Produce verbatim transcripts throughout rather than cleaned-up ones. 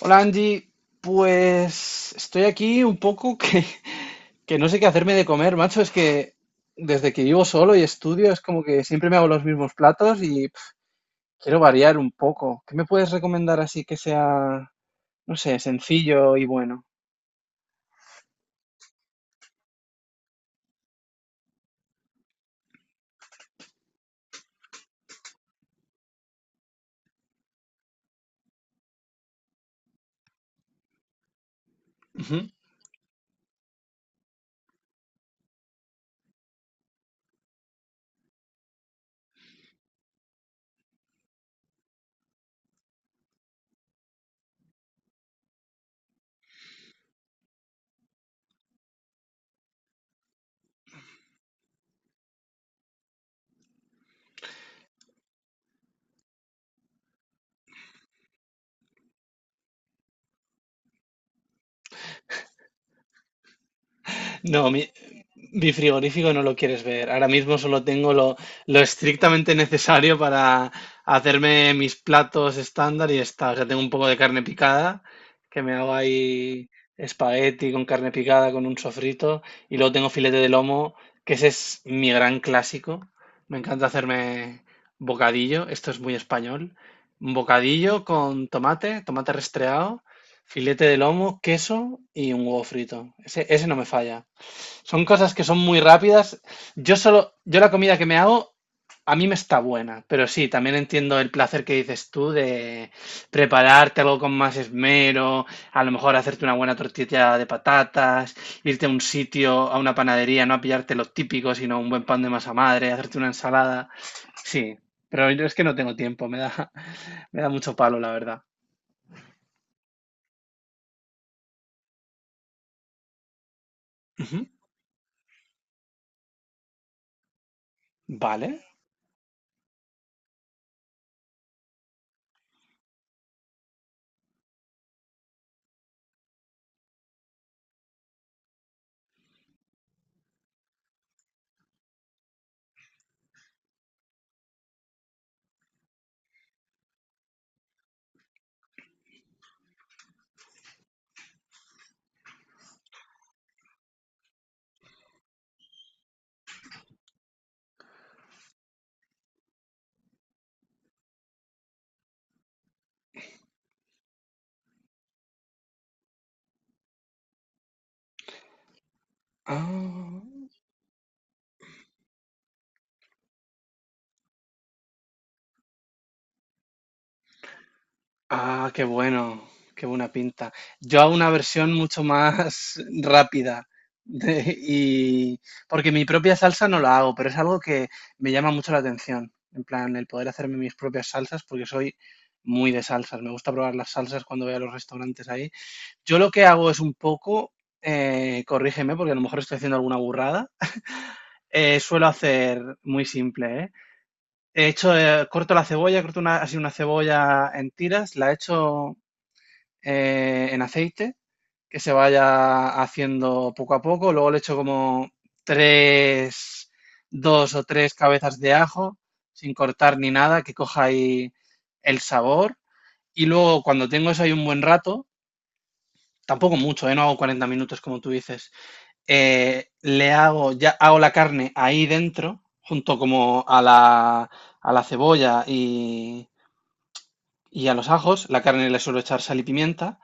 Hola Angie, pues estoy aquí un poco que, que no sé qué hacerme de comer, macho. Es que desde que vivo solo y estudio es como que siempre me hago los mismos platos y pf, quiero variar un poco. ¿Qué me puedes recomendar así que sea, no sé, sencillo y bueno? Ujú. No, mi- Mi frigorífico no lo quieres ver. Ahora mismo solo tengo lo, lo estrictamente necesario para hacerme mis platos estándar y está. O sea, tengo un poco de carne picada, que me hago ahí espagueti con carne picada, con un sofrito. Y luego tengo filete de lomo, que ese es mi gran clásico. Me encanta hacerme bocadillo. Esto es muy español. Un bocadillo con tomate, tomate restreado, filete de lomo, queso y un huevo frito. Ese, ese no me falla. Son cosas que son muy rápidas. Yo solo, yo la comida que me hago, a mí me está buena, pero sí, también entiendo el placer que dices tú de prepararte algo con más esmero, a lo mejor hacerte una buena tortilla de patatas, irte a un sitio, a una panadería, no a pillarte lo típico, sino un buen pan de masa madre, hacerte una ensalada. Sí, pero yo es que no tengo tiempo, me da, me da mucho palo, la verdad. Ujú. Vale. Ah. Ah, qué bueno, qué buena pinta. Yo hago una versión mucho más rápida de- y porque mi propia salsa no la hago, pero es algo que me llama mucho la atención. En plan, el poder hacerme mis propias salsas, porque soy muy de salsas. Me gusta probar las salsas cuando voy a los restaurantes ahí. Yo lo que hago es un poco, eh, corrígeme, porque a lo mejor estoy haciendo alguna burrada. Eh, suelo hacer muy simple, ¿eh? He hecho, eh, corto la cebolla, corto una, así una cebolla en tiras, la echo eh, en aceite, que se vaya haciendo poco a poco. Luego le echo como tres, dos o tres cabezas de ajo, sin cortar ni nada, que coja ahí el sabor. Y luego cuando tengo eso ahí un buen rato, tampoco mucho, ¿eh? No hago cuarenta minutos como tú dices, eh, le hago, ya hago la carne ahí dentro, junto como a la, a la cebolla y, y a los ajos, la carne le suelo echar sal y pimienta.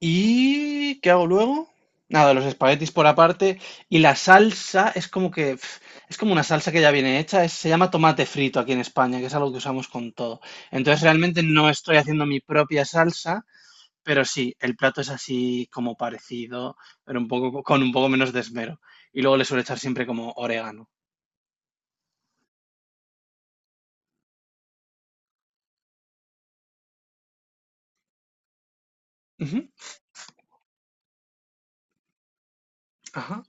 ¿Y qué hago luego? Nada, los espaguetis por aparte. Y la salsa es como que, pf, es como una salsa que ya viene hecha. Es- se llama tomate frito aquí en España, que es algo que usamos con todo. Entonces realmente no estoy haciendo mi propia salsa, pero sí, el plato es así como parecido, pero un poco, con un poco menos de esmero. Y luego le suelo echar siempre como orégano. Ujú. Ajá.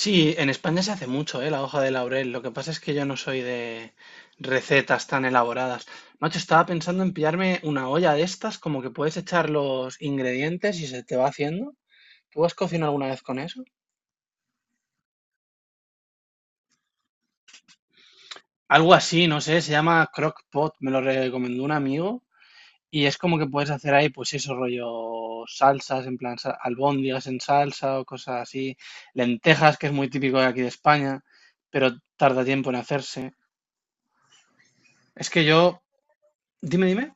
Sí, en España se hace mucho, ¿eh? La hoja de laurel. Lo que pasa es que yo no soy de recetas tan elaboradas. Macho, estaba pensando en pillarme una olla de estas, como que puedes echar los ingredientes y se te va haciendo. ¿Tú has cocinado alguna vez con eso? Algo así, no sé, se llama crockpot, me lo recomendó un amigo. Y es como que puedes hacer ahí, pues eso, rollo salsas, en plan sa- albóndigas en salsa o cosas así. Lentejas, que es muy típico de aquí de España, pero tarda tiempo en hacerse. Es que yo... Dime, dime.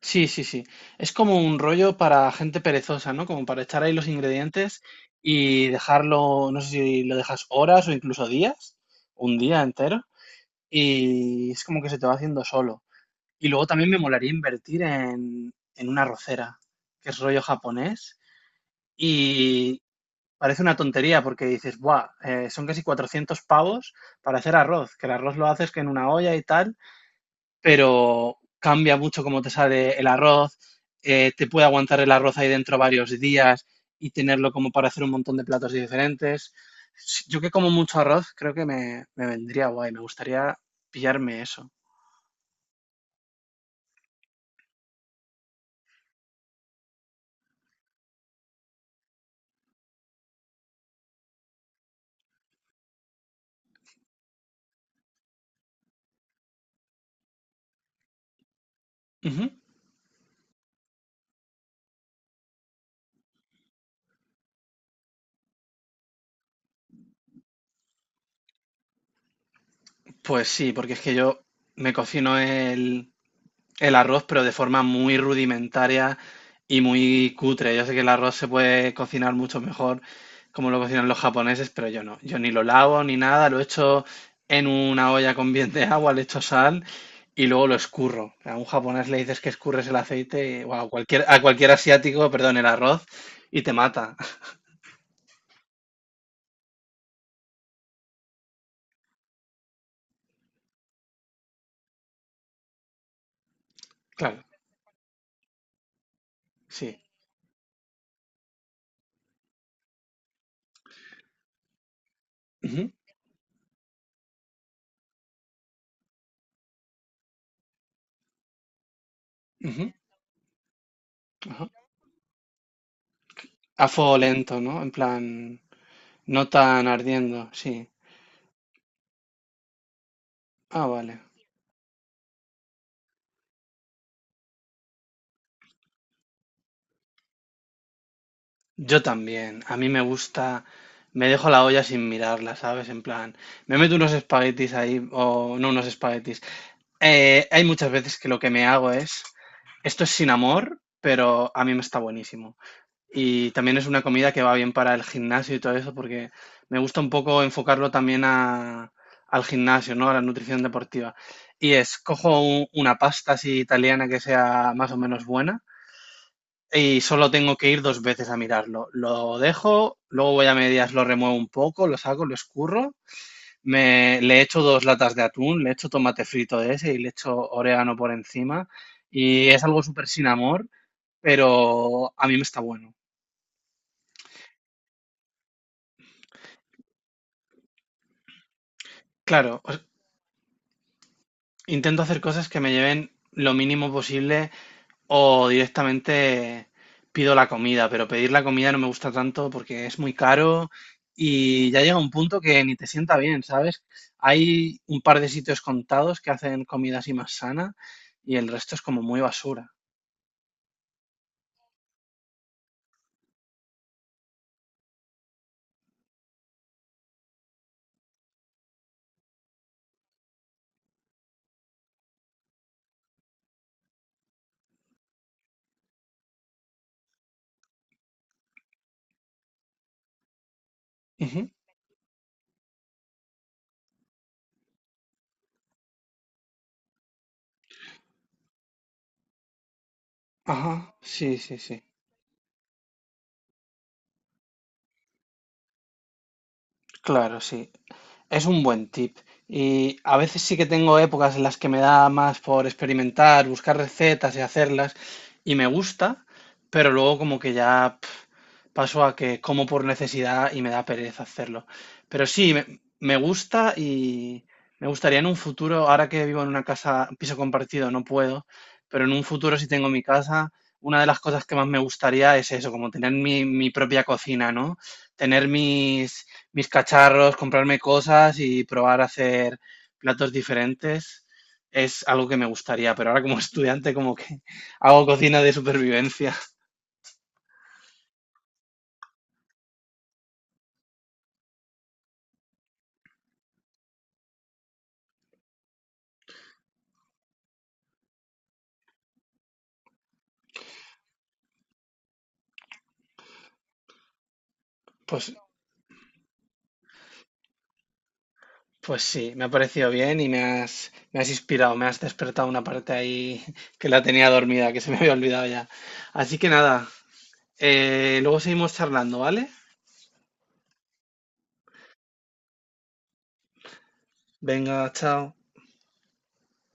Sí, sí, sí. Es como un rollo para gente perezosa, ¿no? Como para echar ahí los ingredientes y dejarlo, no sé si lo dejas horas o incluso días, un día entero, y es como que se te va haciendo solo. Y luego también me molaría invertir en, en una arrocera, que es rollo japonés, y parece una tontería porque dices, ¡buah! eh, son casi cuatrocientos pavos para hacer arroz, que el arroz lo haces que en una olla y tal, pero cambia mucho cómo te sale el arroz, eh, te puede aguantar el arroz ahí dentro varios días y tenerlo como para hacer un montón de platos diferentes. Yo que como mucho arroz, creo que me, me vendría guay, me gustaría pillarme eso. Ujú. Pues sí, porque es que yo me cocino el, el arroz, pero de forma muy rudimentaria y muy cutre. Yo sé que el arroz se puede cocinar mucho mejor como lo cocinan los japoneses, pero yo no. Yo ni lo lavo ni nada, lo echo en una olla con bien de agua, le echo sal y luego lo escurro. A un japonés le dices que escurres el aceite, o a cualquier, a cualquier asiático, perdón, el arroz, y te mata. Claro, sí. Ujú, ujú, ajá. A fuego lento, ¿no? En plan, no tan ardiendo, sí. Ah, vale. Yo también. A mí me gusta. Me dejo la olla sin mirarla, ¿sabes? En plan, me meto unos espaguetis ahí, o no unos espaguetis. Eh, hay muchas veces que lo que me hago es. Esto es sin amor, pero a mí me está buenísimo. Y también es una comida que va bien para el gimnasio y todo eso, porque me gusta un poco enfocarlo también a- al gimnasio, ¿no? A la nutrición deportiva. Y es, cojo un- una pasta así italiana que sea más o menos buena y solo tengo que ir dos veces a mirarlo. Lo dejo, luego voy a medias, lo remuevo un poco, lo saco, lo escurro, me, le echo dos latas de atún, le echo tomate frito de ese y le echo orégano por encima. Y es algo súper sin amor, pero a mí me está bueno. Claro, o sea, intento hacer cosas que me lleven lo mínimo posible. O directamente pido la comida, pero pedir la comida no me gusta tanto porque es muy caro y ya llega un punto que ni te sienta bien, ¿sabes? Hay un par de sitios contados que hacen comida así más sana y el resto es como muy basura. Ujú. Ajá, sí, sí, sí. Claro, sí. Es un buen tip. Y a veces sí que tengo épocas en las que me da más por experimentar, buscar recetas y hacerlas, y me gusta, pero luego como que ya paso a que como por necesidad y me da pereza hacerlo. Pero sí, me, me gusta y me gustaría en un futuro, ahora que vivo en una casa, piso compartido, no puedo, pero en un futuro si tengo mi casa, una de las cosas que más me gustaría es eso, como tener mi, mi propia cocina, ¿no? Tener mis, mis cacharros, comprarme cosas y probar a hacer platos diferentes. Es algo que me gustaría, pero ahora como estudiante como que hago cocina de supervivencia. Pues Pues sí, me ha parecido bien y me has, me has inspirado, me has despertado una parte ahí que la tenía dormida, que se me había olvidado ya. Así que nada, eh, luego seguimos charlando, ¿vale? Venga, chao.